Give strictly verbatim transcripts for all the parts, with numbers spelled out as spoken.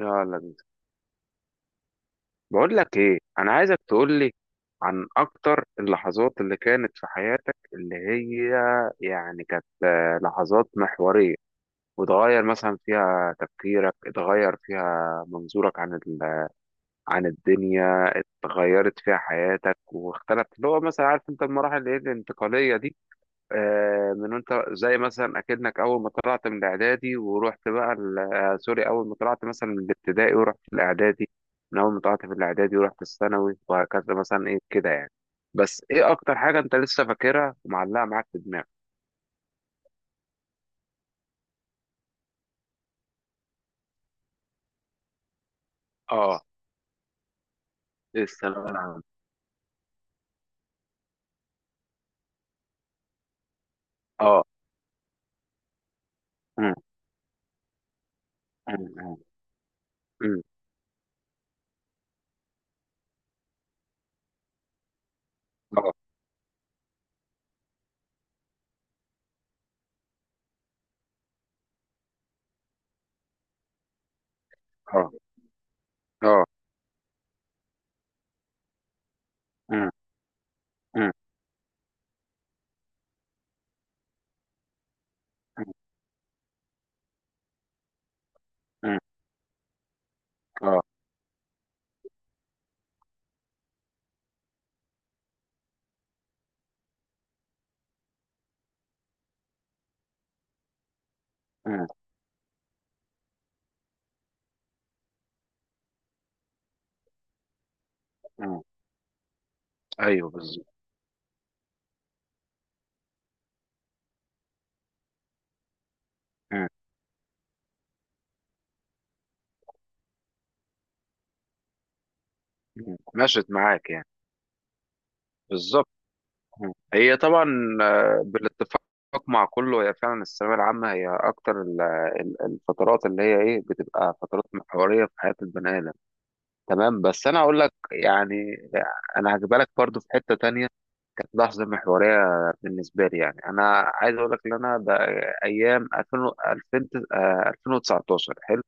يلا بينا. بقول لك ايه، انا عايزك تقول لي عن اكتر اللحظات اللي كانت في حياتك، اللي هي يعني كانت آه، لحظات محورية، وتغير مثلا فيها تفكيرك، اتغير فيها منظورك عن ال... عن الدنيا، اتغيرت فيها حياتك واختلفت، اللي هو مثلا عارف انت المراحل اللي هي الانتقالية دي. آه، من انت زي مثلا اكنك اول ما طلعت من الاعدادي ورحت بقى ال- آه، سوري، اول ما طلعت مثلا من الابتدائي ورحت الاعدادي، من اول ما طلعت في الاعدادي ورحت الثانوي وهكذا مثلا، ايه كده يعني. بس ايه اكتر حاجه انت لسه فاكرها ومعلقه معاك في دماغك؟ اه. إيه الثانويه العامه؟ اه. أم. أم. أم. أم. اه. اه. اه. أم. أم. أم. أم. اه. أم. أم. ايوه بالظبط. أم. أم. مشت معاك يعني. بالظبط. هي طبعا، آه، بالاتفاق مع كله، هي فعلا الثانوية العامة هي أكتر ال- ال- الفترات اللي هي إيه، بتبقى فترات محورية في حياة البني آدم. تمام. بس أنا أقول لك يعني، أنا هجيبها لك برضه في حتة تانية. كانت لحظة محورية بالنسبة لي. يعني أنا عايز أقول لك إن أنا ده أيام ألفين و- ألفين آه، ألفين وتسعتاشر. حلو.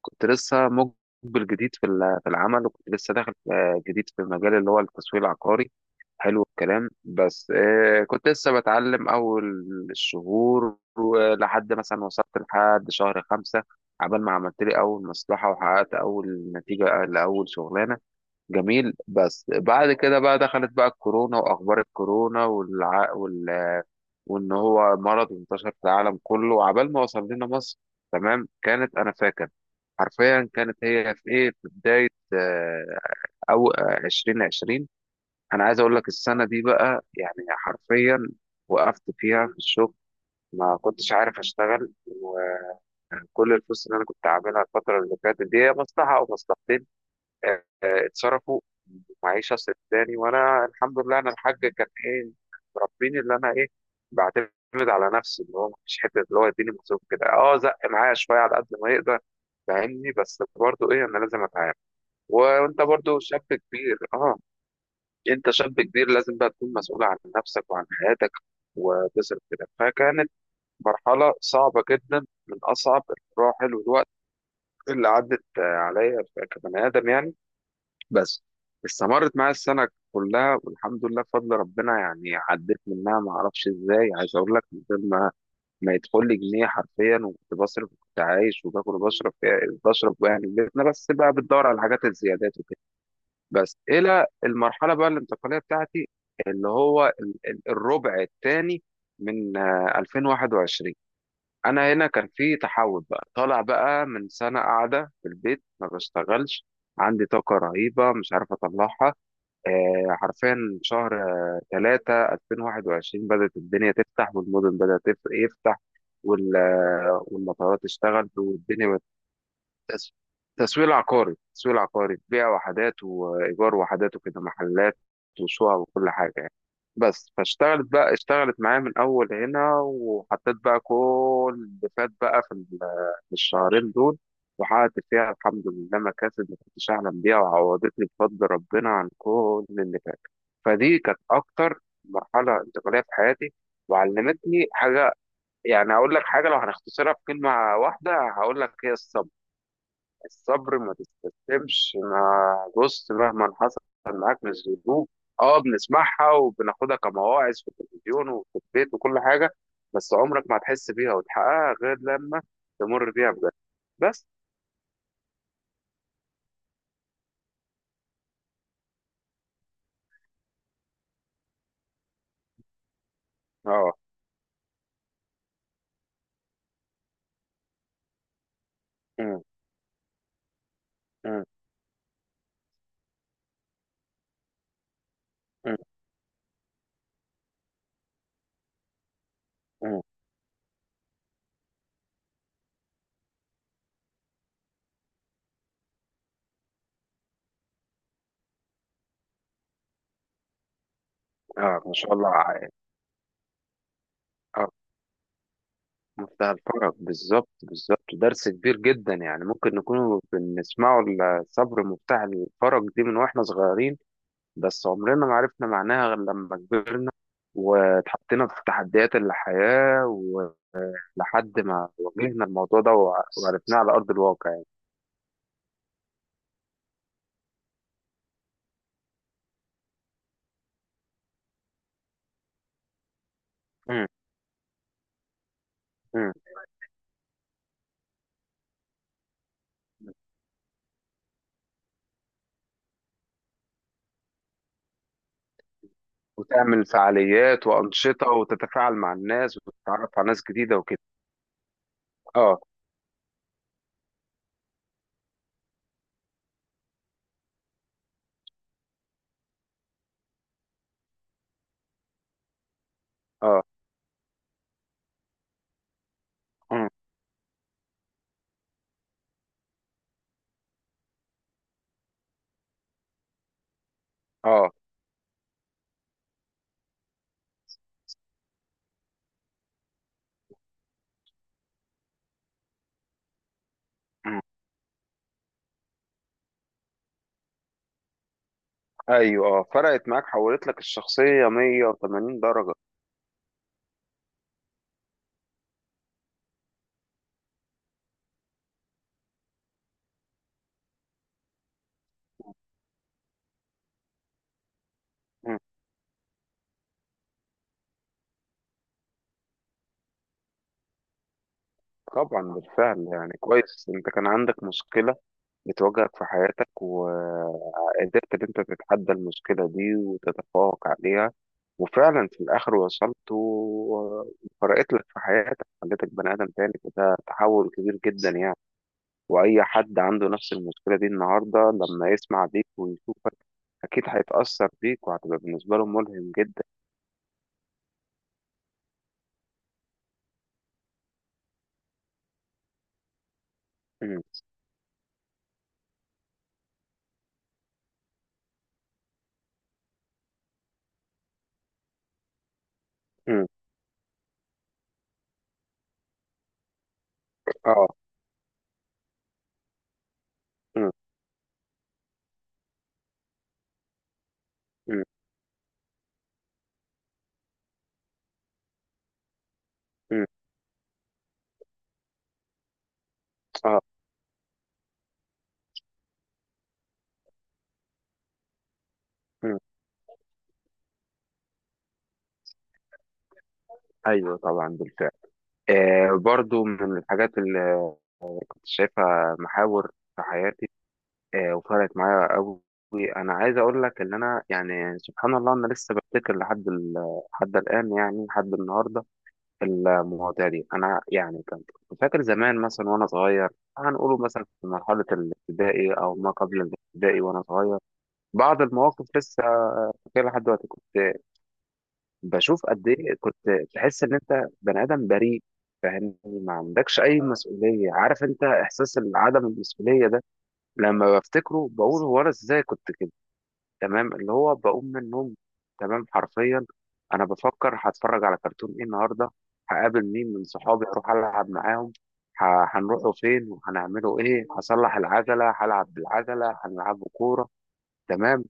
كنت لسه مقبل جديد في ال- في العمل، وكنت لسه داخل آه، جديد في مجال اللي هو التسويق العقاري. حلو الكلام. بس آه، كنت لسه بتعلم أول الشهور، ولحد مثلا وصلت لحد شهر خمسة، عبال ما عملت لي أول مصلحة وحققت أول نتيجة لأول شغلانة. جميل. بس بعد كده بقى دخلت بقى الكورونا وأخبار الكورونا والع... وان هو مرض، وانتشر في العالم كله، وعبال ما وصل لنا مصر. تمام. كانت، انا فاكر حرفيا، كانت هي في ايه، في بدايه آه، او آه، ألفين وعشرين. انا عايز اقول لك السنه دي بقى، يعني حرفيا وقفت فيها في الشغل. ما كنتش عارف اشتغل. وكل الفلوس اللي انا كنت عاملها الفتره اللي فاتت، دي هي مصلحه او مصلحتين، آه، آه، اتصرفوا معيشة سداني. وانا الحمد لله، انا الحاج كان ايه، مربيني اللي انا ايه، بعتمد على نفسي، اللي هو مفيش حتة اللي هو يديني مصروف كده، اه زق معايا شوية على قد ما يقدر. فاهمني. بس برضه ايه، انا لازم اتعامل. و- وانت برضه شاب كبير. اه. انت شاب كبير، لازم بقى تكون مسؤول عن نفسك وعن حياتك وتصرف كده. فكانت مرحلة صعبة جدا، من اصعب المراحل والوقت اللي عدت آه، عليا كبني ادم يعني. بس استمرت معايا السنة كلها، والحمد لله بفضل ربنا يعني عديت منها ما اعرفش ازاي. عايز اقول لك، من غير ما ما يدخل لي جنيه حرفيا، وكنت بصرف، وكنت عايش وباكل وبشرب بشرب يعني في بيتنا، بس بقى بتدور على الحاجات الزيادات وكده. بس الى المرحلة بقى الانتقالية بتاعتي، اللي هو ال- ال- الربع الثاني من آه، ألفين وواحد وعشرين، انا هنا كان في تحول بقى، طالع بقى من سنة قاعدة في البيت ما بشتغلش، عندي طاقة رهيبة مش عارف أطلعها آه، حرفيا. شهر آه، ثلاثة ألفين وواحد وعشرين بدأت الدنيا تفتح، والمدن بدأت تف- يفتح، وال- آه، والمطارات اشتغلت والدنيا. تس- تسويق عقاري، تسويق عقاري بيع وحدات وإيجار وحدات وكده، محلات وشقق وكل حاجة يعني. بس فاشتغلت بقى، اشتغلت معايا من أول هنا، وحطيت بقى كل اللي فات بقى في ال- في الشهرين دول، وحققت فيها الحمد لله مكاسب ما كنتش أحلم بيها، وعوضتني بفضل ربنا عن كل اللي فات. فدي كانت أكتر مرحلة انتقالية في حياتي، وعلمتني حاجة. يعني أقول لك حاجة، لو هنختصرها في كلمة واحدة هقول لك هي الصبر. الصبر. ما تستسلمش. ما بص، مهما حصل معاك من الظروف، اه بنسمعها وبناخدها كمواعظ في التلفزيون وفي البيت وكل حاجة، بس عمرك ما هتحس بيها وتحققها غير لما تمر بيها بجد. بس. اه. أمم. أمم. أمم. أمم. اه ما شاء الله ع- اه، منتهى الفرق. بالظبط بالظبط، درس كبير جدا، يعني ممكن نكون بنسمعه. الصبر مفتاح الفرج دي، من واحنا صغيرين، بس عمرنا ما عرفنا معناها غير لما كبرنا واتحطينا في تحديات الحياة، ولحد ما واجهنا الموضوع ده وع- وعرفناه على أرض الواقع يعني. مم. مم. وتعمل فعاليات وأنشطة، وتتفاعل مع الناس وتتعرف على ناس جديدة وكده. اه. اه. مم. اه. مم. ايوه اه، فرقت معاك، حولت لك الشخصية مية وتمانين درجة. مم. طبعا بالفعل، يعني كويس انت كان عندك مشكلة بتواجهك في حياتك، وقدرت إن أنت تتحدى المشكلة دي وتتفوق عليها، وفعلا في الآخر وصلت و- وفرقت لك في حياتك، خليتك بني آدم تاني. فده تحول كبير جدا يعني. وأي حد عنده نفس المشكلة دي النهاردة، لما يسمع بيك ويشوفك أكيد هيتأثر بيك، وهتبقى بالنسبة له ملهم جدا. م- م- آه م- م- م- آه م. أيوه طبعا بالفعل. آه برضو من الحاجات اللي كنت شايفها محاور في حياتي، آه، وفرقت معايا قوي. انا عايز اقول لك ان انا، يعني سبحان الله، انا لسه بفتكر لحد ال- لحد الان، يعني لحد النهارده. المواضيع دي، انا يعني كنت كنت فاكر زمان مثلا وانا صغير، هنقوله مثلا في مرحله الابتدائي او ما قبل الابتدائي وانا صغير، بعض المواقف لسه فاكرها لحد دلوقتي. كنت بشوف قد ايه كنت تحس ان انت بني ادم بريء، فاهمني، ما عندكش اي مسؤوليه، عارف انت احساس عدم المسؤوليه ده. لما بفتكره بقول هو انا ازاي كنت، تمام، اللي هو بقوم من النوم، تمام حرفيا، انا بفكر هتفرج على كرتون ايه النهارده، هقابل مين من صحابي، هروح العب معاهم، ه- هنروحوا فين وهنعملوا ايه، هصلح العجله، هلعب بالعجله، هنلعبوا كوره، تمام.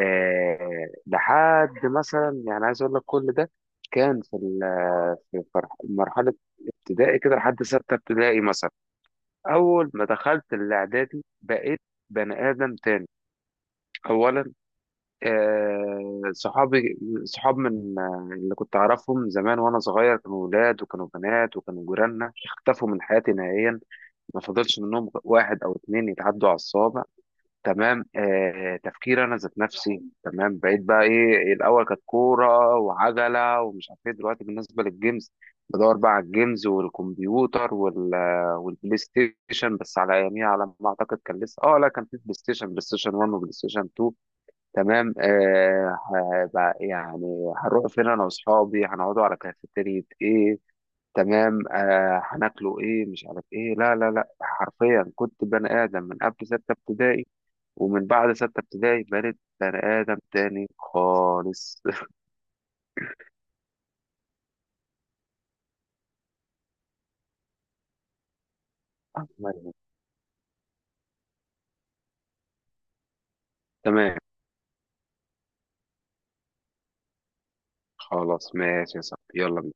آه لحد مثلا يعني، عايز اقول لك كل ده كان في ال- في فر- مرحله ابتدائي كده لحد سته ابتدائي مثلا. اول ما دخلت الاعدادي بقيت بني ادم تاني. اولا، آه، صحابي، صحاب من آه، اللي كنت أعرفهم زمان وأنا صغير، كانوا ولاد وكانوا بنات وكانوا جيراننا، اختفوا من حياتي نهائيا. ما فضلش منهم واحد أو اتنين يتعدوا على الصوابع. تمام. آه، تفكير أنا ذات نفسي، تمام. بقيت بقى إيه، الأول كانت كورة وعجلة ومش عارف إيه، دلوقتي بالنسبة للجيمز، بدور بقى على الجيمز والكمبيوتر وال آه، والبلاي ستيشن. بس على أياميها، على ما أعتقد كان لسه، أه لا، كان في بلاي ستيشن بلاي ستيشن واحد وبلاي ستيشن اتنين. تمام. آه ه- بقى- يعني هنروح فين انا واصحابي، هنقعدوا على كافيتيريا ايه، تمام. آه هناكلوا ايه، مش عارف ايه. لا لا لا، حرفيا كنت بني ادم من قبل ستة ابتدائي، ومن بعد ستة ابتدائي بقيت بني ادم تاني خالص. تمام. خلاص ماشي يا صاحبي، يلا.